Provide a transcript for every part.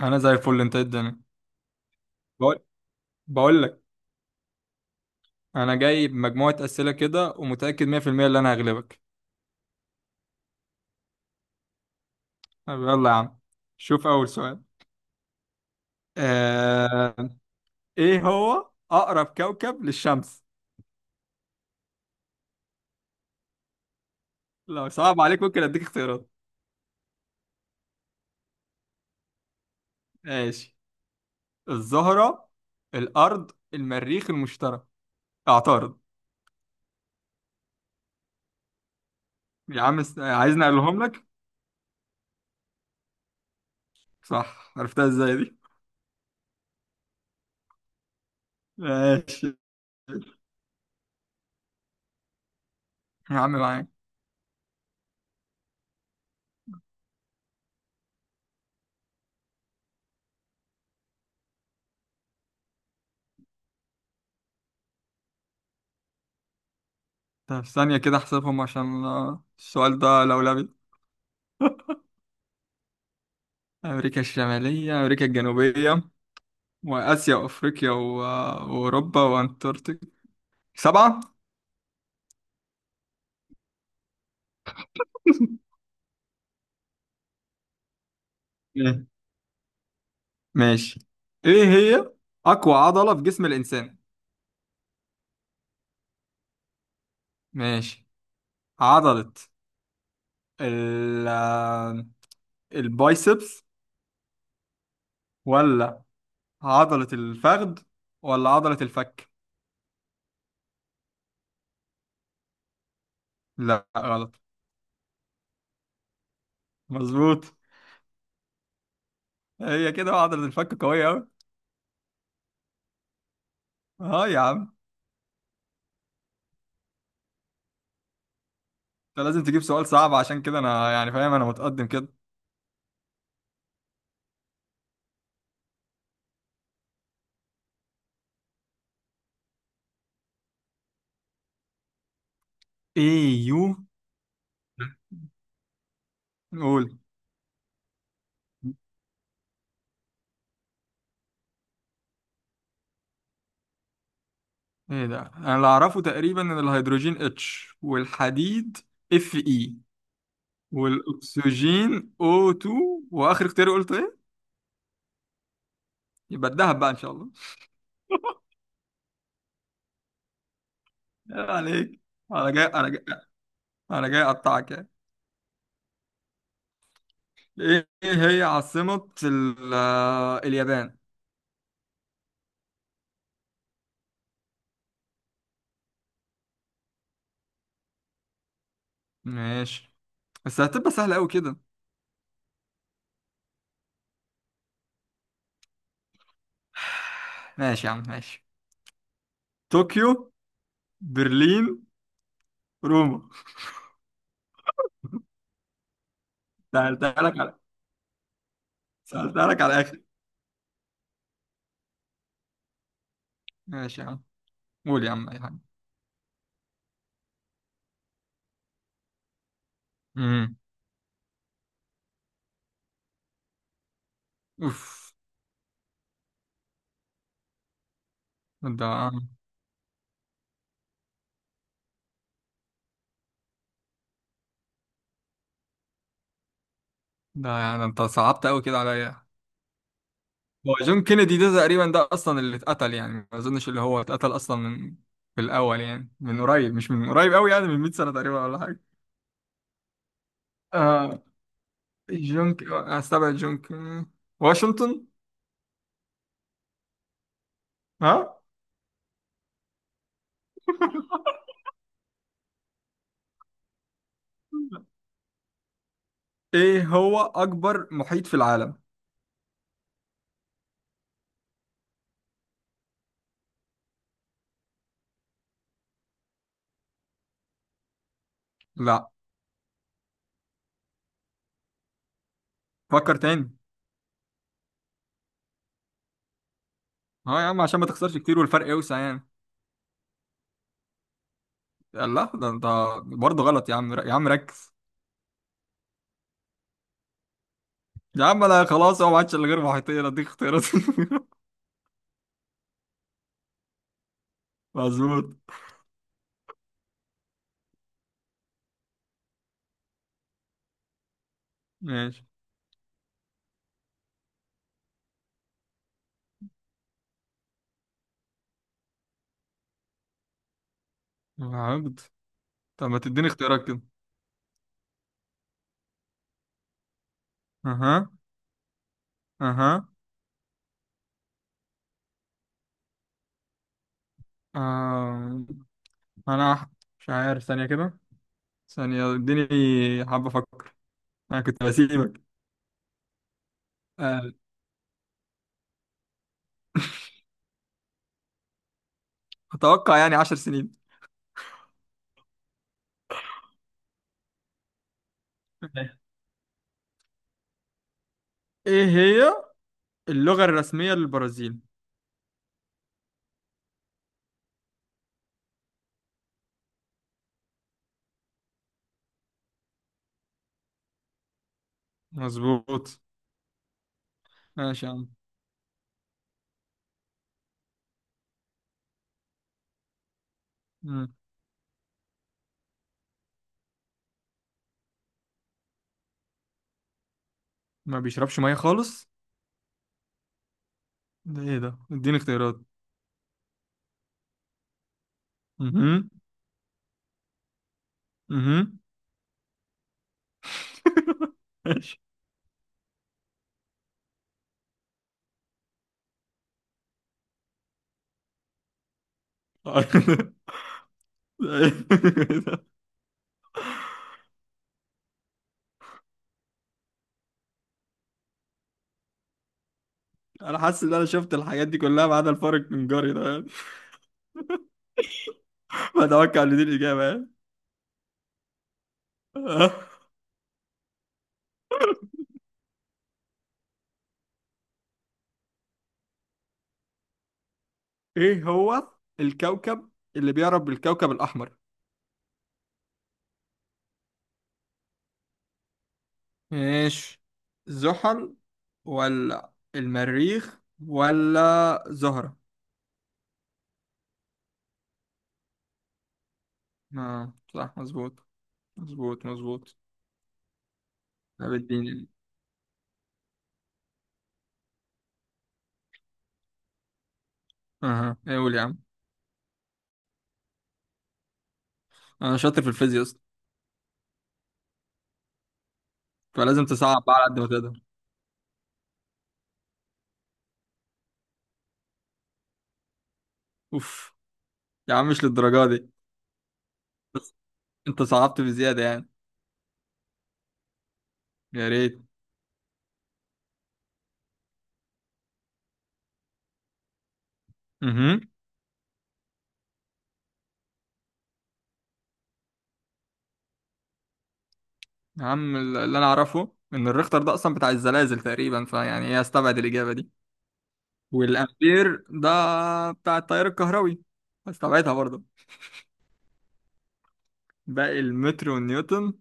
انا زي الفل. انت إيه الدنيا؟ بقول بقول لك، انا جايب مجموعه اسئله كده ومتاكد 100% ان انا هغلبك. طب يلا يا عم، شوف اول سؤال. آه... ايه هو اقرب كوكب للشمس؟ لو صعب عليك ممكن اديك اختيارات. ماشي، الزهره، الارض، المريخ، المشتري. اعترض يا عم. عايزني اقولهم لك؟ صح، عرفتها ازاي دي؟ ماشي يا عم، معاك. طب ثانيه كده احسبهم عشان، السؤال ده لولبي. أمريكا الشمالية، أمريكا الجنوبية، وآسيا، وأفريقيا، وأوروبا، وأنتاركتيكا. سبعة. مم. ماشي. إيه هي أقوى عضلة في جسم الإنسان؟ ماشي، عضلة ال... البايسبس، ولا عضلة الفخذ، ولا عضلة الفك؟ لا غلط. مظبوط. هي كده عضلة الفك قوية أوي. أه يا عم. أنت لازم تجيب سؤال صعب، عشان كده أنا يعني فاهم أنا متقدم كده. إيه يو؟ قول. ايه ده، انا اللي اعرفه تقريبا ان الهيدروجين اتش، والحديد اف اي، والاكسجين او 2. واخر اختيار قلت ايه؟ يبقى الدهب بقى ان شاء الله. ايه عليك، انا جاي، انا جاي اقطعك يعني. ايه، إيه هي عاصمة اليابان؟ ماشي، بس هتبقى سهلة قوي كده. ماشي يا عم، ماشي. طوكيو، برلين، روما. سألتها لك على، سألتها لك على الاخر. ماشي يا عم. قول يا عم اي حاجة. امم. اوف. ده ده يعني انت صعبت قوي كده عليا. هو جون كينيدي ده تقريبا، ده اصلا اللي اتقتل، يعني ما اظنش اللي هو اتقتل اصلا من، في الاول يعني، من قريب، مش من قريب قوي، يعني من 100 سنة تقريبا ولا حاجة. آه. استبعد واشنطن. ها. ايه هو اكبر محيط في العالم؟ لا. فكر تاني. ها يا عم، عشان ما تخسرش كتير والفرق يوسع يعني. لا، ده انت برضه غلط. يا عم، ركز. يا عم انا خلاص، هو ما عادش الا غير محيطين. اديك اختيارات؟ مظبوط. ماشي. العبد؟ طب ما تديني اختيارات كده. اها. اها. آه. انا أح- مش عارف. ثانية كده، ثانية، اديني، حابة افكر، انا كنت بسيبك. آه. اتوقع يعني عشر سنين. ايه هي اللغة الرسمية للبرازيل؟ مظبوط. ماشي يا عم. مم. ما بيشربش مية خالص؟ ده ايه ده، اديني اختيارات. اها. اها. ماشي. انا حاسس ان انا شفت الحاجات دي كلها ما عدا الفرق من جاري ده. بتوقع ان دي الاجابه يعني. ايه هو الكوكب اللي بيعرف بالكوكب الاحمر؟ ماشي، زحل، ولا المريخ، ولا زهرة؟ اه صح مظبوط. مظبوط. طب اديني. اها. ايه، قول يا عم. انا شاطر في الفيزياء اصلا. فلازم تصعب بقى على قد ما تقدر. اوف. يا عم مش للدرجه دي. انت صعبت بزياده يعني. يا ريت. اها. يا عم، اللي انا اعرفه ان الريختر ده اصلا بتاع الزلازل تقريبا، فيعني ايه، استبعد الاجابه دي. والامبير ده بتاع التيار الكهربي، استبعدها برضه. باقي المتر والنيوتن.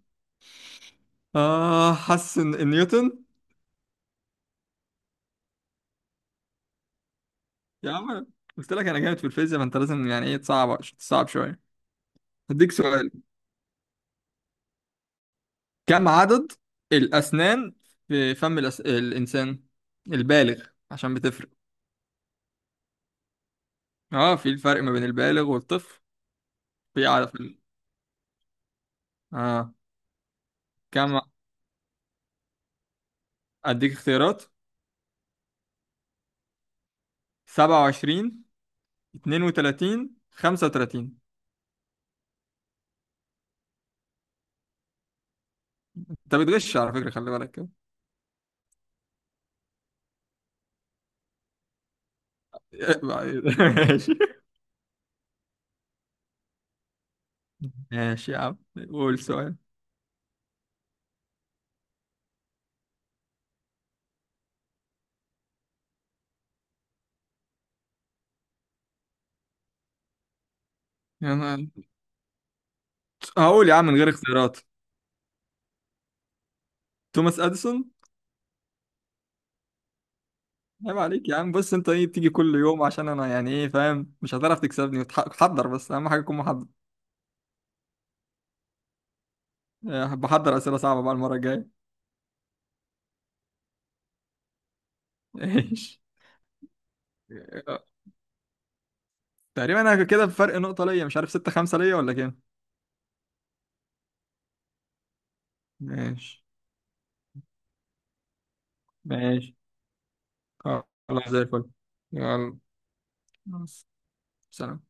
اه، حاسس ان النيوتن. يا عم قلت لك انا جامد في الفيزياء، فانت لازم يعني ايه، تصعب شويه. هديك سؤال. كم عدد الاسنان في فم الانسان البالغ؟ عشان بتفرق. اه، في الفرق ما بين البالغ والطفل. في عدد في، اه، كم؟ اديك اختيارات. 27، 32، 35. انت بتغش على فكره، خلي بالك. ماشي. ماشي يا عم، قول سؤال. انا هقول يا عم من غير اختيارات. توماس اديسون. عيب عليك يا عم. بص انت ايه بتيجي كل يوم، عشان انا يعني ايه فاهم، مش هتعرف تكسبني. تحضر، بس اهم حاجه تكون محضر. بحضر اسئله صعبه بقى المره الجايه. ماشي. آه، تقريبا انا كده بفرق نقطه ليا، مش عارف ستة خمسة ليا ولا كام. ماشي. ماشي، خلاص، زي الفل. يلا سلام.